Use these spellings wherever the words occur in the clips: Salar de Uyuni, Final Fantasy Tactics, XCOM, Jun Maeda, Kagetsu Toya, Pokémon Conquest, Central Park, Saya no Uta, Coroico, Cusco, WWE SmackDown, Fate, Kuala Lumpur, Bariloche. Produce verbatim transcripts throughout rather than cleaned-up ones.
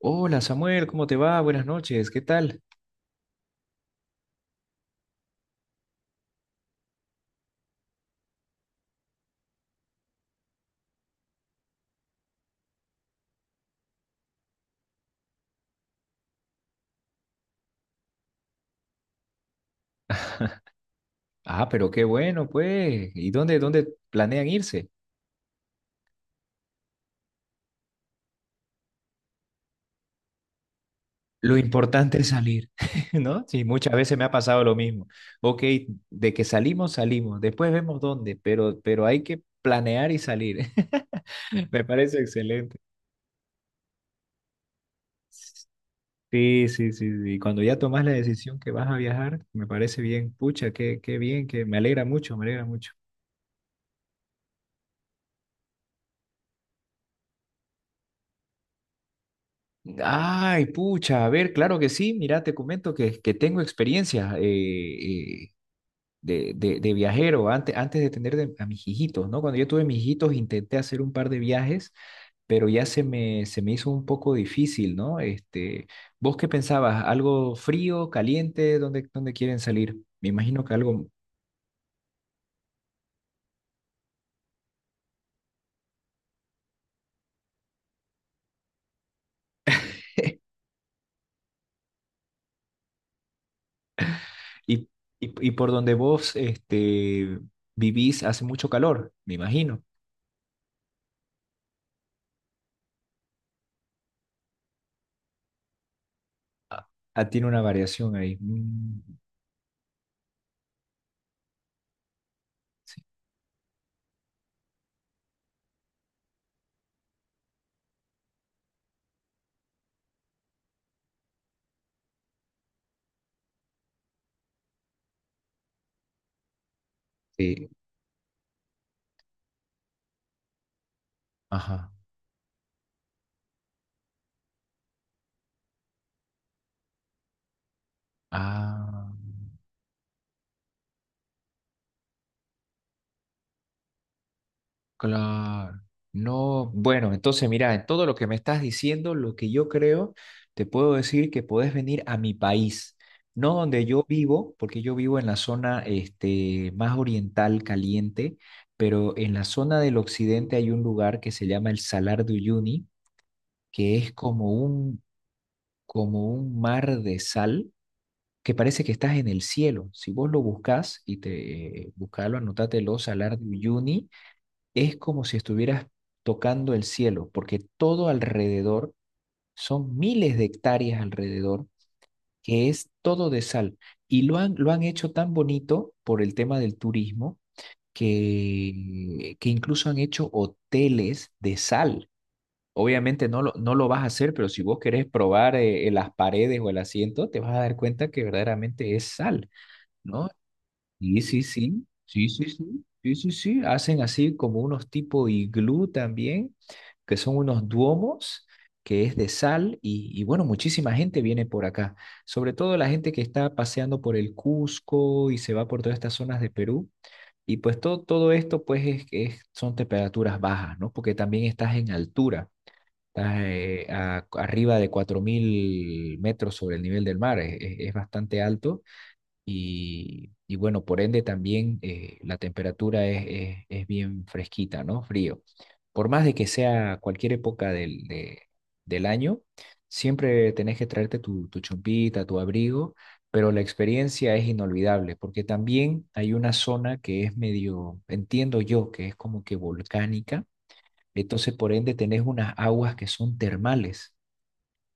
Hola Samuel, ¿cómo te va? Buenas noches, ¿qué tal? Ah, pero qué bueno, pues. ¿Y dónde, dónde planean irse? Lo importante es salir, ¿no? Sí, muchas veces me ha pasado lo mismo. Ok, de que salimos, salimos, después vemos dónde, pero, pero hay que planear y salir. Me parece excelente. Sí, sí, sí, sí. Cuando ya tomas la decisión que vas a viajar, me parece bien. Pucha, qué, qué bien, que me alegra mucho, me alegra mucho. Ay, pucha, a ver, claro que sí, mira, te comento que, que tengo experiencia eh, eh, de, de- de viajero antes, antes de tener de- a mis hijitos, ¿no? Cuando yo tuve mis hijitos intenté hacer un par de viajes, pero ya se me, se me hizo un poco difícil, ¿no? Este, ¿vos qué pensabas? ¿Algo frío, caliente? ¿Dónde, dónde quieren salir? Me imagino que algo. Y, y, y por donde vos este, vivís hace mucho calor, me imagino. Ah, ah, tiene una variación ahí. Mm, sí. Sí. Ajá. Ah, claro. No, bueno, entonces mira, en todo lo que me estás diciendo, lo que yo creo, te puedo decir que podés venir a mi país, no donde yo vivo, porque yo vivo en la zona este, más oriental, caliente, pero en la zona del occidente hay un lugar que se llama el Salar de Uyuni, que es como un, como un, mar de sal que parece que estás en el cielo. Si vos lo buscás y te eh, buscalo, anótatelo, Salar de Uyuni es como si estuvieras tocando el cielo, porque todo alrededor, son miles de hectáreas alrededor, que es todo de sal. Y lo han, lo han hecho tan bonito por el tema del turismo que, que incluso han hecho hoteles de sal. Obviamente no lo, no lo vas a hacer, pero si vos querés probar eh, eh, las paredes o el asiento, te vas a dar cuenta que verdaderamente es sal, ¿no? Sí, sí, sí, sí, sí, sí, sí, sí, sí. Hacen así como unos tipo iglú también, que son unos duomos, que es de sal, y, y bueno, muchísima gente viene por acá, sobre todo la gente que está paseando por el Cusco y se va por todas estas zonas de Perú, y pues todo, todo esto pues es, es- son temperaturas bajas, ¿no? Porque también estás en altura, estás eh, a- arriba de cuatro mil metros sobre el nivel del mar, es es- es bastante alto y, y bueno, por ende también eh, la temperatura es, es- es bien fresquita, ¿no? Frío. Por más de que sea cualquier época del, de- del año, siempre tenés que traerte tu, tu, chumpita, tu abrigo, pero la experiencia es inolvidable, porque también hay una zona que es medio, entiendo yo, que es como que volcánica, entonces por ende tenés unas aguas que son termales.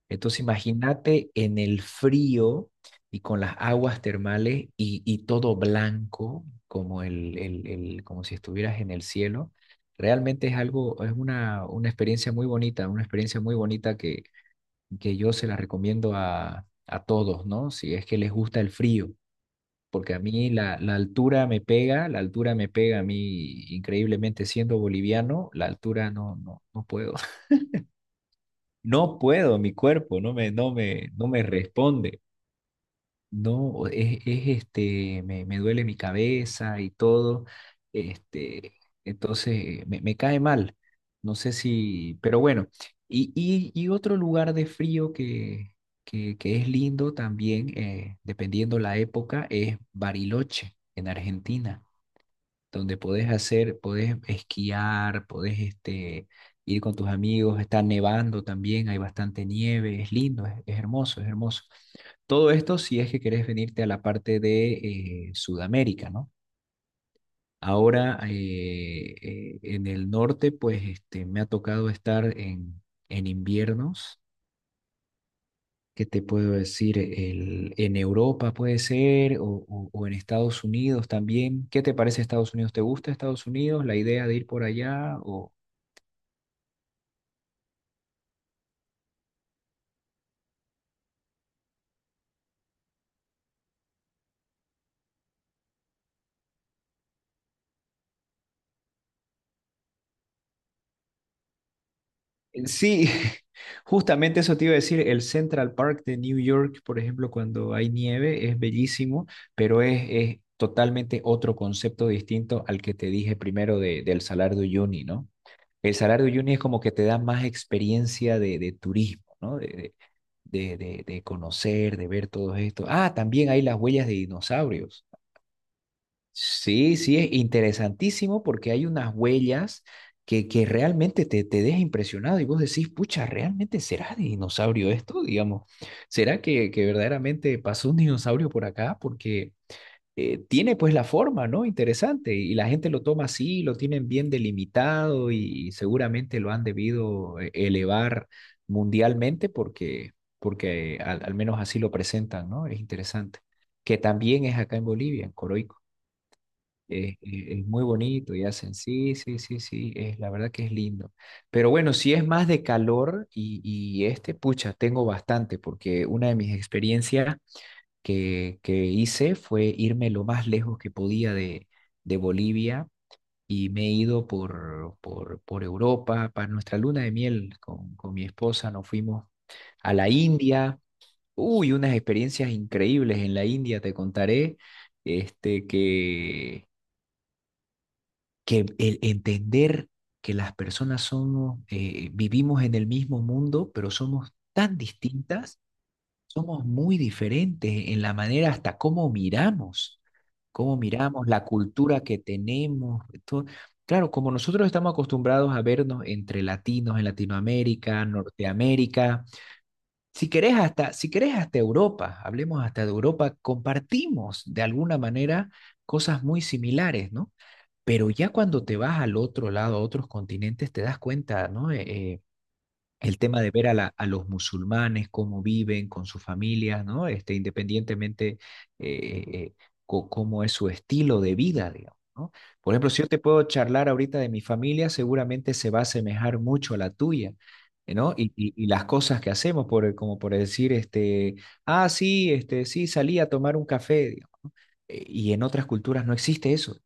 Entonces imagínate en el frío y con las aguas termales y, y todo blanco, como, el, el- el- como si estuvieras en el cielo. Realmente es algo, es una, una experiencia muy bonita, una experiencia muy bonita que, que yo se la recomiendo a, a todos, ¿no? Si es que les gusta el frío, porque a mí la, la altura me pega, la altura me pega a mí increíblemente siendo boliviano, la altura no, no, no puedo. No puedo, mi cuerpo no me, no me, no me responde. No, es, es, este, me, me duele mi cabeza y todo, este, entonces me, me cae mal, no sé si, pero bueno, y, y, y otro lugar de frío que, que, que es lindo también, eh, dependiendo la época, es Bariloche, en Argentina donde podés hacer, podés esquiar, podés este, ir con tus amigos, está nevando también, hay bastante nieve, es lindo, es, es hermoso, es hermoso. Todo esto si es que querés venirte a la parte de eh, Sudamérica, ¿no? Ahora eh, eh, en el norte, pues este, me ha tocado estar en, en inviernos. ¿Qué te puedo decir? El, en Europa puede ser o, o- o en Estados Unidos también. ¿Qué te parece Estados Unidos? ¿Te gusta Estados Unidos? ¿La idea de ir por allá? O. Sí, justamente eso te iba a decir. El Central Park de New York, por ejemplo, cuando hay nieve, es bellísimo, pero es, es, totalmente otro concepto distinto al que te dije primero de, del Salar de Uyuni, ¿no? El salario junior es como que te da más experiencia de, de turismo, ¿no? De, de, de, de conocer, de ver todo esto. Ah, también hay las huellas de dinosaurios. Sí, sí, es interesantísimo porque hay unas huellas que, que realmente te, te deja impresionado y vos decís, pucha, ¿realmente será de dinosaurio esto? Digamos, ¿será que, que verdaderamente pasó un dinosaurio por acá? Porque eh, tiene pues la forma, ¿no? Interesante. Y la gente lo toma así, lo tienen bien delimitado y, y seguramente lo han debido eh, elevar mundialmente porque, porque al, al menos así lo presentan, ¿no? Es interesante. Que también es acá en Bolivia, en Coroico. Es, es- es muy bonito y hacen, sí, sí, sí, sí, es, la verdad que es lindo. Pero bueno, si es más de calor y, y este, pucha, tengo bastante porque una de mis experiencias que, que hice fue irme lo más lejos que podía de, de Bolivia y me he ido por, por, por Europa, para nuestra luna de miel con, con mi esposa, nos fuimos a la India. Uy, unas experiencias increíbles en la India, te contaré, este, que, que el entender que las personas somos, eh, vivimos en el mismo mundo, pero somos tan distintas, somos muy diferentes en la manera hasta cómo miramos, cómo miramos la cultura que tenemos. Todo. Claro, como nosotros estamos acostumbrados a vernos entre latinos en Latinoamérica, Norteamérica, si querés hasta, si querés hasta Europa, hablemos hasta de Europa, compartimos de alguna manera cosas muy similares, ¿no? Pero ya cuando te vas al otro lado, a otros continentes, te das cuenta, ¿no? Eh, eh, el tema de ver a, la- a los musulmanes, cómo viven con sus familias, ¿no? Este, independientemente eh, eh, co- cómo es su estilo de vida, digamos, ¿no? Por ejemplo, si yo te puedo charlar ahorita de mi familia, seguramente se va a asemejar mucho a la tuya, eh, ¿no? Y, y- y las cosas que hacemos, por, como por decir, este, ah, sí, este, sí, salí a tomar un café. Digamos. Eh, Y en otras culturas no existe eso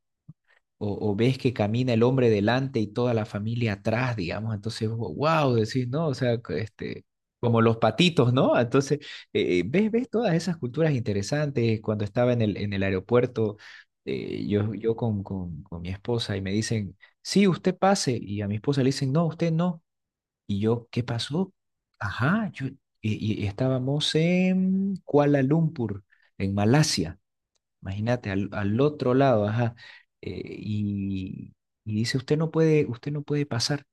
o, o ves que camina el hombre delante y toda la familia atrás, digamos, entonces, wow, decís, ¿no? O sea, que, este, como los patitos, ¿no? Entonces, eh, ves, ves todas esas culturas interesantes. Cuando estaba en el, en el, aeropuerto, eh, yo, yo con, con, con mi esposa y me dicen, sí, usted pase, y a mi esposa le dicen, no, usted no. Y yo, ¿qué pasó? Ajá, yo, y, y estábamos en Kuala Lumpur, en Malasia. Imagínate, al, al otro lado, ajá. eh, y, y dice, usted no puede, usted no puede pasar.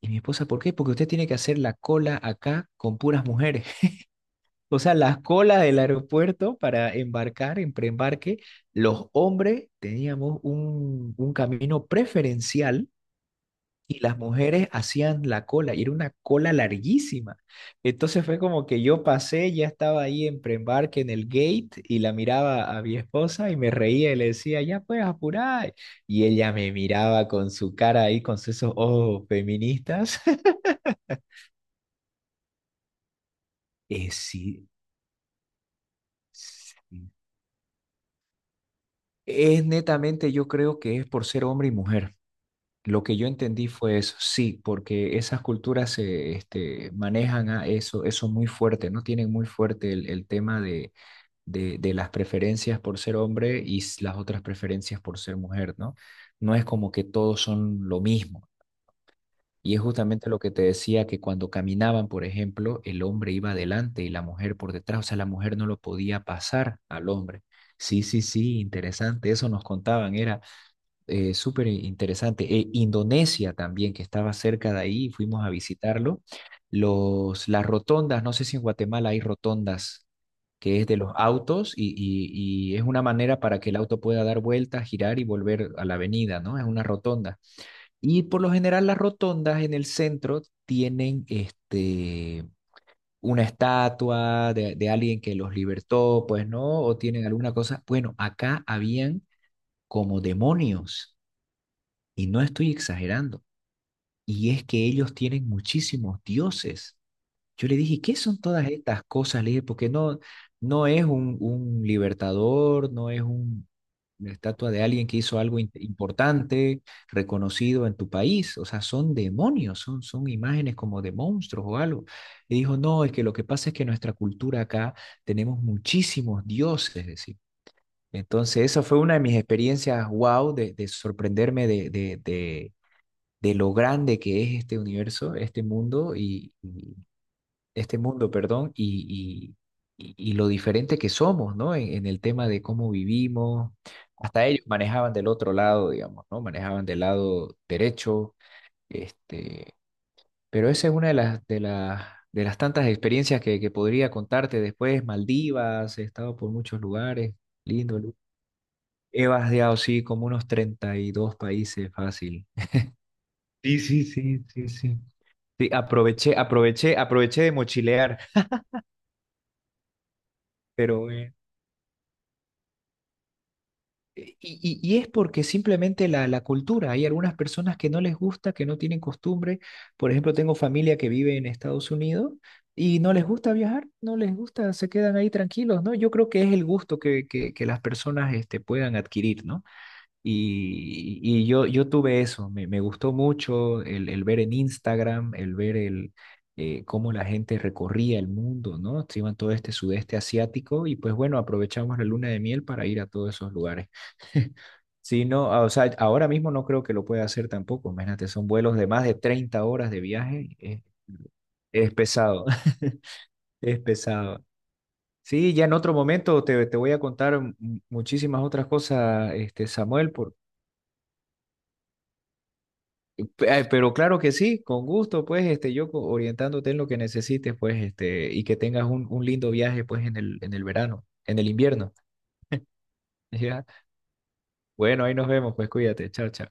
Y mi esposa, ¿por qué? Porque usted tiene que hacer la cola acá con puras mujeres. O sea, las colas del aeropuerto para embarcar, en preembarque, los hombres teníamos un, un, camino preferencial y las mujeres hacían la cola y era una cola larguísima. Entonces fue como que yo pasé, ya estaba ahí en preembarque en el gate y la miraba a mi esposa y me reía y le decía, ya puedes apurar. Y ella me miraba con su cara ahí, con esos ojos feministas. Eh, sí, sí. Es netamente, yo creo que es por ser hombre y mujer. Lo que yo entendí fue eso, sí, porque esas culturas se este, manejan a eso, eso, muy fuerte, ¿no? Tienen muy fuerte el, el tema de de, de las preferencias por ser hombre y las otras preferencias por ser mujer, ¿no? No es como que todos son lo mismo. Y es justamente lo que te decía que cuando caminaban, por ejemplo, el hombre iba adelante y la mujer por detrás, o sea, la mujer no lo podía pasar al hombre. Sí, sí, sí, interesante, eso nos contaban, era eh, súper interesante. Eh, Indonesia también, que estaba cerca de ahí, fuimos a visitarlo. Los, las rotondas, no sé si en Guatemala hay rotondas que es de los autos y, y- y es una manera para que el auto pueda dar vueltas, girar y volver a la avenida, ¿no? Es una rotonda. Y por lo general las rotondas en el centro tienen este, una estatua de, de alguien que los libertó, pues, ¿no? O tienen alguna cosa. Bueno, acá habían como demonios y no estoy exagerando. Y es que ellos tienen muchísimos dioses. Yo le dije, ¿qué son todas estas cosas? Le dije, porque no, no es un, un, libertador, no es un- una estatua de alguien que hizo algo in- importante, reconocido en tu país. O sea, son demonios, son, son imágenes como de monstruos o algo. Y dijo, no, es que lo que pasa es que nuestra cultura acá tenemos muchísimos dioses, decir. Entonces, esa fue una de mis experiencias, wow, de, de sorprenderme de, de, de, de lo grande que es este universo, este mundo, y, este mundo, perdón, y, y, y- y lo diferente que somos, ¿no? En, en el tema de cómo vivimos. Hasta ellos manejaban del otro lado, digamos, ¿no? Manejaban del lado derecho, este, pero esa es una de las, de las, de las tantas experiencias que, que podría contarte después. Maldivas, he estado por muchos lugares, lindo. Lindo. He vadeado, sí, como unos treinta y dos países, fácil. Sí, sí, sí, sí, sí. Sí, aproveché, aproveché, aproveché de mochilear, pero eh, eh, Y, y- y es porque simplemente la, la, cultura, hay algunas personas que no les gusta, que no tienen costumbre. Por ejemplo, tengo familia que vive en Estados Unidos y no les gusta viajar, no les gusta, se quedan ahí tranquilos, ¿no? Yo creo que es el gusto que, que, que las personas este, puedan adquirir, ¿no? Y, y yo, yo tuve eso, me, me gustó mucho el, el ver en Instagram, el ver el, eh, cómo la gente recorría el mundo, ¿no? Se iban todo este sudeste asiático y pues bueno, aprovechamos la luna de miel para ir a todos esos lugares. Sí, no, ah, o sea, ahora mismo no creo que lo pueda hacer tampoco, imagínate, son vuelos de más de treinta horas de viaje, es, es, pesado, es pesado. Sí, ya en otro momento te, te voy a contar mu- muchísimas otras cosas, este, Samuel. Pe- ay, Pero claro que sí, con gusto, pues, este, yo co- orientándote en lo que necesites, pues, este, y que tengas un, un, lindo viaje, pues, en el, en el verano, en el invierno. ¿Ya? Bueno, ahí nos vemos, pues, cuídate, chao, chao.